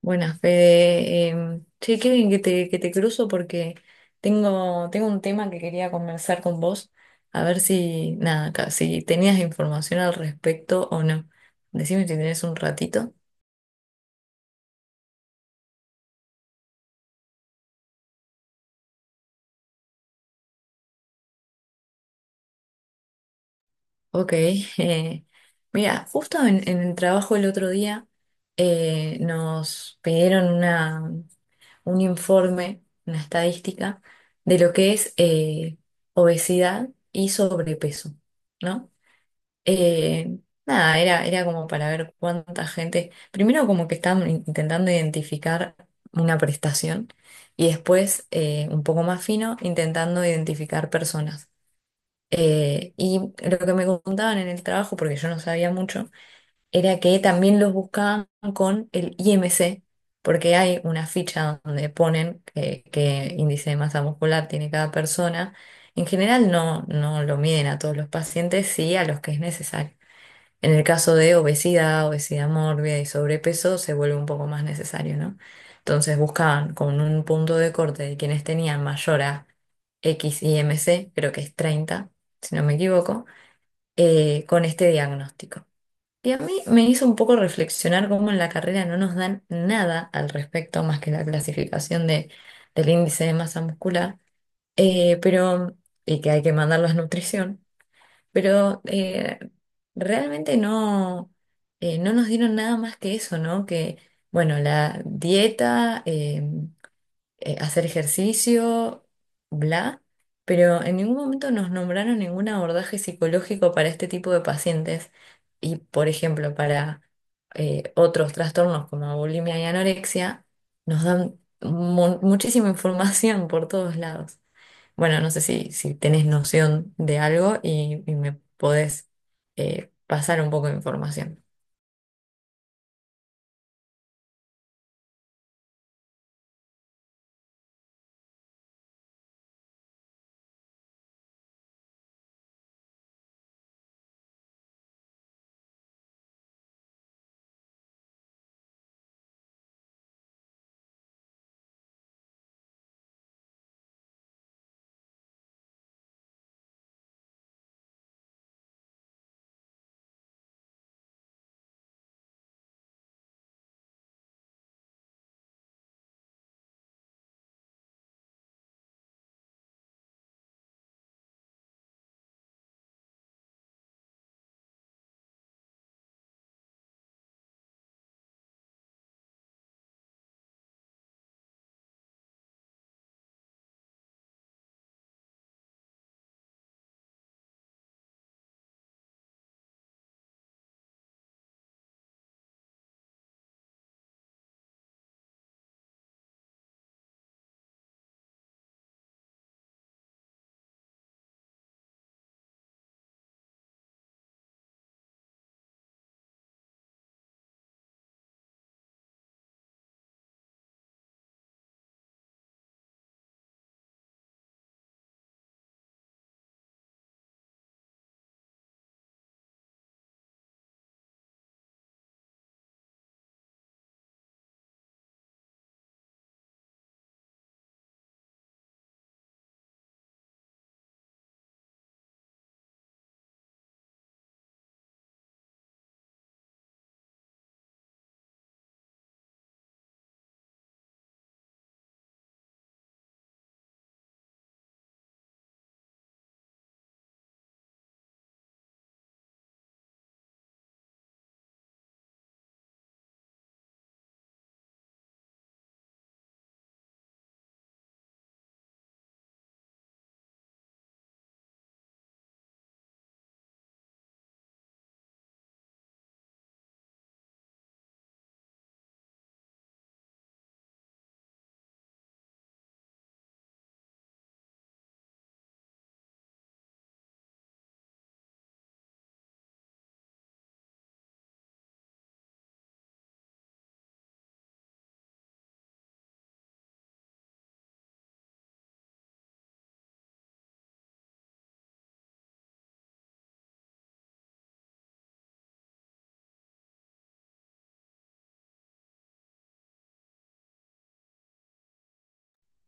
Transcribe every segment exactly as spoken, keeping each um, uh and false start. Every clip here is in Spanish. Buenas, Fede. Em, che, qué bien que te, que te cruzo porque tengo, tengo un tema que quería conversar con vos, a ver si, nada, acá, si tenías información al respecto o no. Decime si tenés un ratito. Ok. eh, mira, justo en, en el trabajo el otro día, eh, nos pidieron una, un informe, una estadística de lo que es eh, obesidad y sobrepeso, ¿no? Eh, nada, era, era como para ver cuánta gente. Primero, como que estaban in- intentando identificar una prestación y después, eh, un poco más fino, intentando identificar personas. Eh, y lo que me contaban en el trabajo, porque yo no sabía mucho, era que también los buscaban con el I M C, porque hay una ficha donde ponen que- qué índice de masa muscular tiene cada persona. En general no, no lo miden a todos los pacientes, sí a los que es necesario. En el caso de obesidad, obesidad mórbida y sobrepeso, se vuelve un poco más necesario, ¿no? Entonces buscaban con un punto de corte de quienes tenían mayor a equis I M C, creo que es treinta, si no me equivoco, eh, con este diagnóstico. Y a mí me hizo un poco reflexionar cómo en la carrera no nos dan nada al respecto más que la clasificación de, del índice de masa muscular, eh, pero, y que hay que mandarlos a nutrición. Pero eh, realmente no, eh, no nos dieron nada más que eso, ¿no? Que, bueno, la dieta, eh, eh, hacer ejercicio, bla, pero en ningún momento nos nombraron ningún abordaje psicológico para este tipo de pacientes y, por ejemplo, para eh, otros trastornos como bulimia y anorexia, nos dan mu- muchísima información por todos lados. Bueno, no sé si, si tenés noción de algo y, y me podés eh, pasar un poco de información.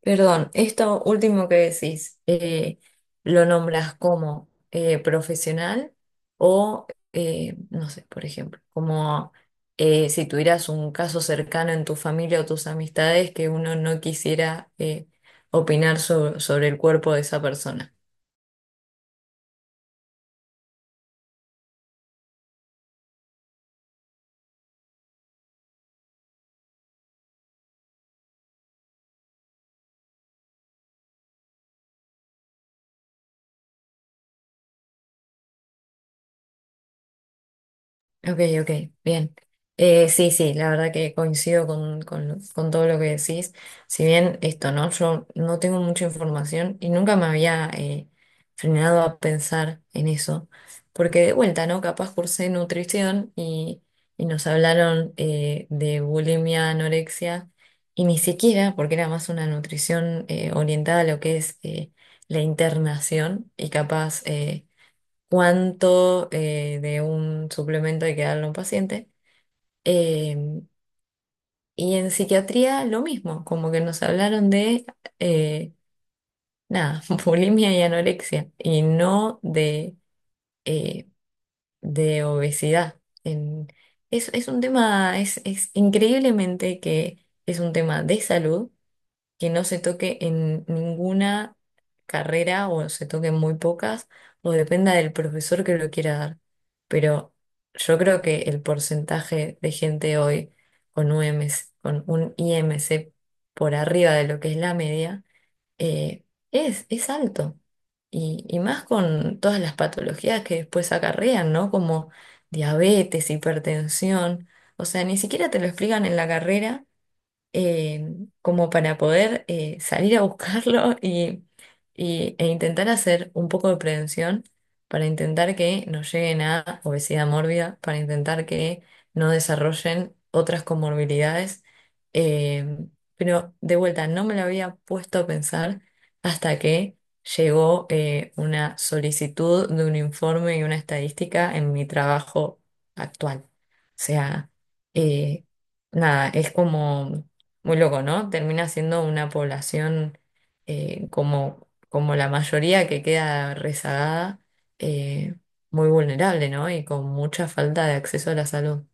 Perdón, esto último que decís, eh, ¿lo nombras como eh, profesional o, eh, no sé, por ejemplo, como eh, si tuvieras un caso cercano en tu familia o tus amistades que uno no quisiera eh, opinar so- sobre el cuerpo de esa persona? Ok, ok, bien. Eh, sí, sí, la verdad que coincido con, con, lo- con todo lo que decís. Si bien esto, ¿no? Yo no tengo mucha información y nunca me había eh, frenado a pensar en eso. Porque de vuelta, ¿no? Capaz cursé nutrición y, y nos hablaron eh, de bulimia, anorexia y ni siquiera, porque era más una nutrición eh, orientada a lo que es eh, la internación y capaz eh, cuánto eh, de un suplemento hay que darle a un paciente. Em, y en psiquiatría lo mismo, como que nos hablaron de, eh, nada, bulimia y anorexia, y no de, eh, de obesidad. En- es, es un tema, es, es increíblemente que es un tema de salud que no se toque en ninguna carrera o se toque en muy pocas, o dependa del profesor que lo quiera dar. Pero yo creo que el porcentaje de gente hoy con U M C, con un I M C por arriba de lo que es la media, eh, es, es alto. Y, y más con todas las patologías que después acarrean, ¿no? Como diabetes, hipertensión. O sea, ni siquiera te lo explican en la carrera eh, como para poder eh, salir a buscarlo y, y- e intentar hacer un poco de prevención para intentar que no lleguen a obesidad mórbida, para intentar que no desarrollen otras comorbilidades. Eh, pero de vuelta, no me lo había puesto a pensar hasta que llegó eh, una solicitud de un informe y una estadística en mi trabajo actual. O sea, eh, nada, es como muy loco, ¿no? Termina siendo una población eh, como, como la mayoría que queda rezagada, eh, muy vulnerable, ¿no? Y con mucha falta de acceso a la salud.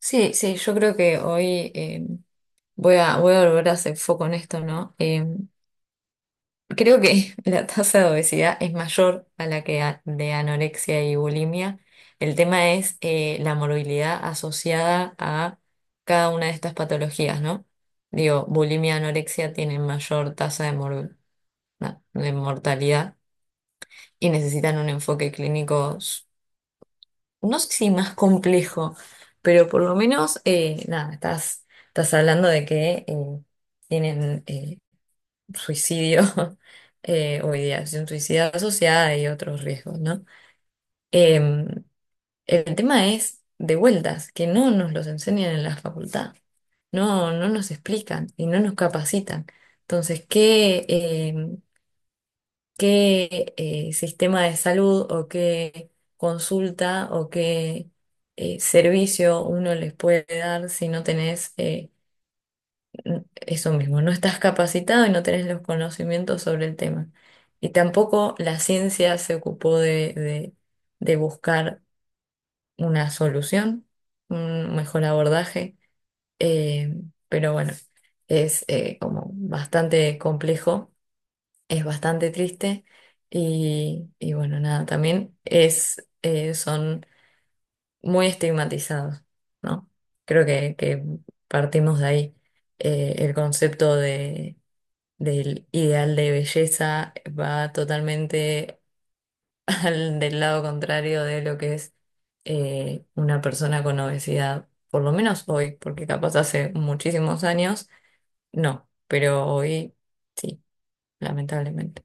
Sí, sí, yo creo que hoy eh, voy a, voy a volver a hacer foco en esto, ¿no? Eh, Creo que la tasa de obesidad es mayor a la que a- de anorexia y bulimia. El tema es eh, la morbilidad asociada a cada una de estas patologías, ¿no? Digo, bulimia y anorexia tienen mayor tasa de, mor- na- de mortalidad y necesitan un enfoque clínico, s- no sé si más complejo, pero por lo menos, eh, nada, estás, estás hablando de que eh, tienen eh, suicidio eh, o ideación suicida asociada y otros riesgos, ¿no? Em, el tema es de vueltas, que no nos los enseñan en la facultad, no, no nos explican y no nos capacitan. Entonces, ¿qué, em, qué eh, sistema de salud o qué consulta o qué eh, servicio uno les puede dar si no tenés eh, eso mismo, no estás capacitado y no tenés los conocimientos sobre el tema. Y tampoco la ciencia se ocupó de, de- de buscar una solución, un mejor abordaje, eh, pero bueno, es eh, como bastante complejo, es bastante triste y, y bueno, nada, también es, eh, son muy estigmatizados, ¿no? Creo que, que partimos de ahí, eh, el concepto de del ideal de belleza, va totalmente al, del lado contrario de lo que es eh, una persona con obesidad, por lo menos hoy, porque capaz hace muchísimos años, no, pero hoy sí, lamentablemente.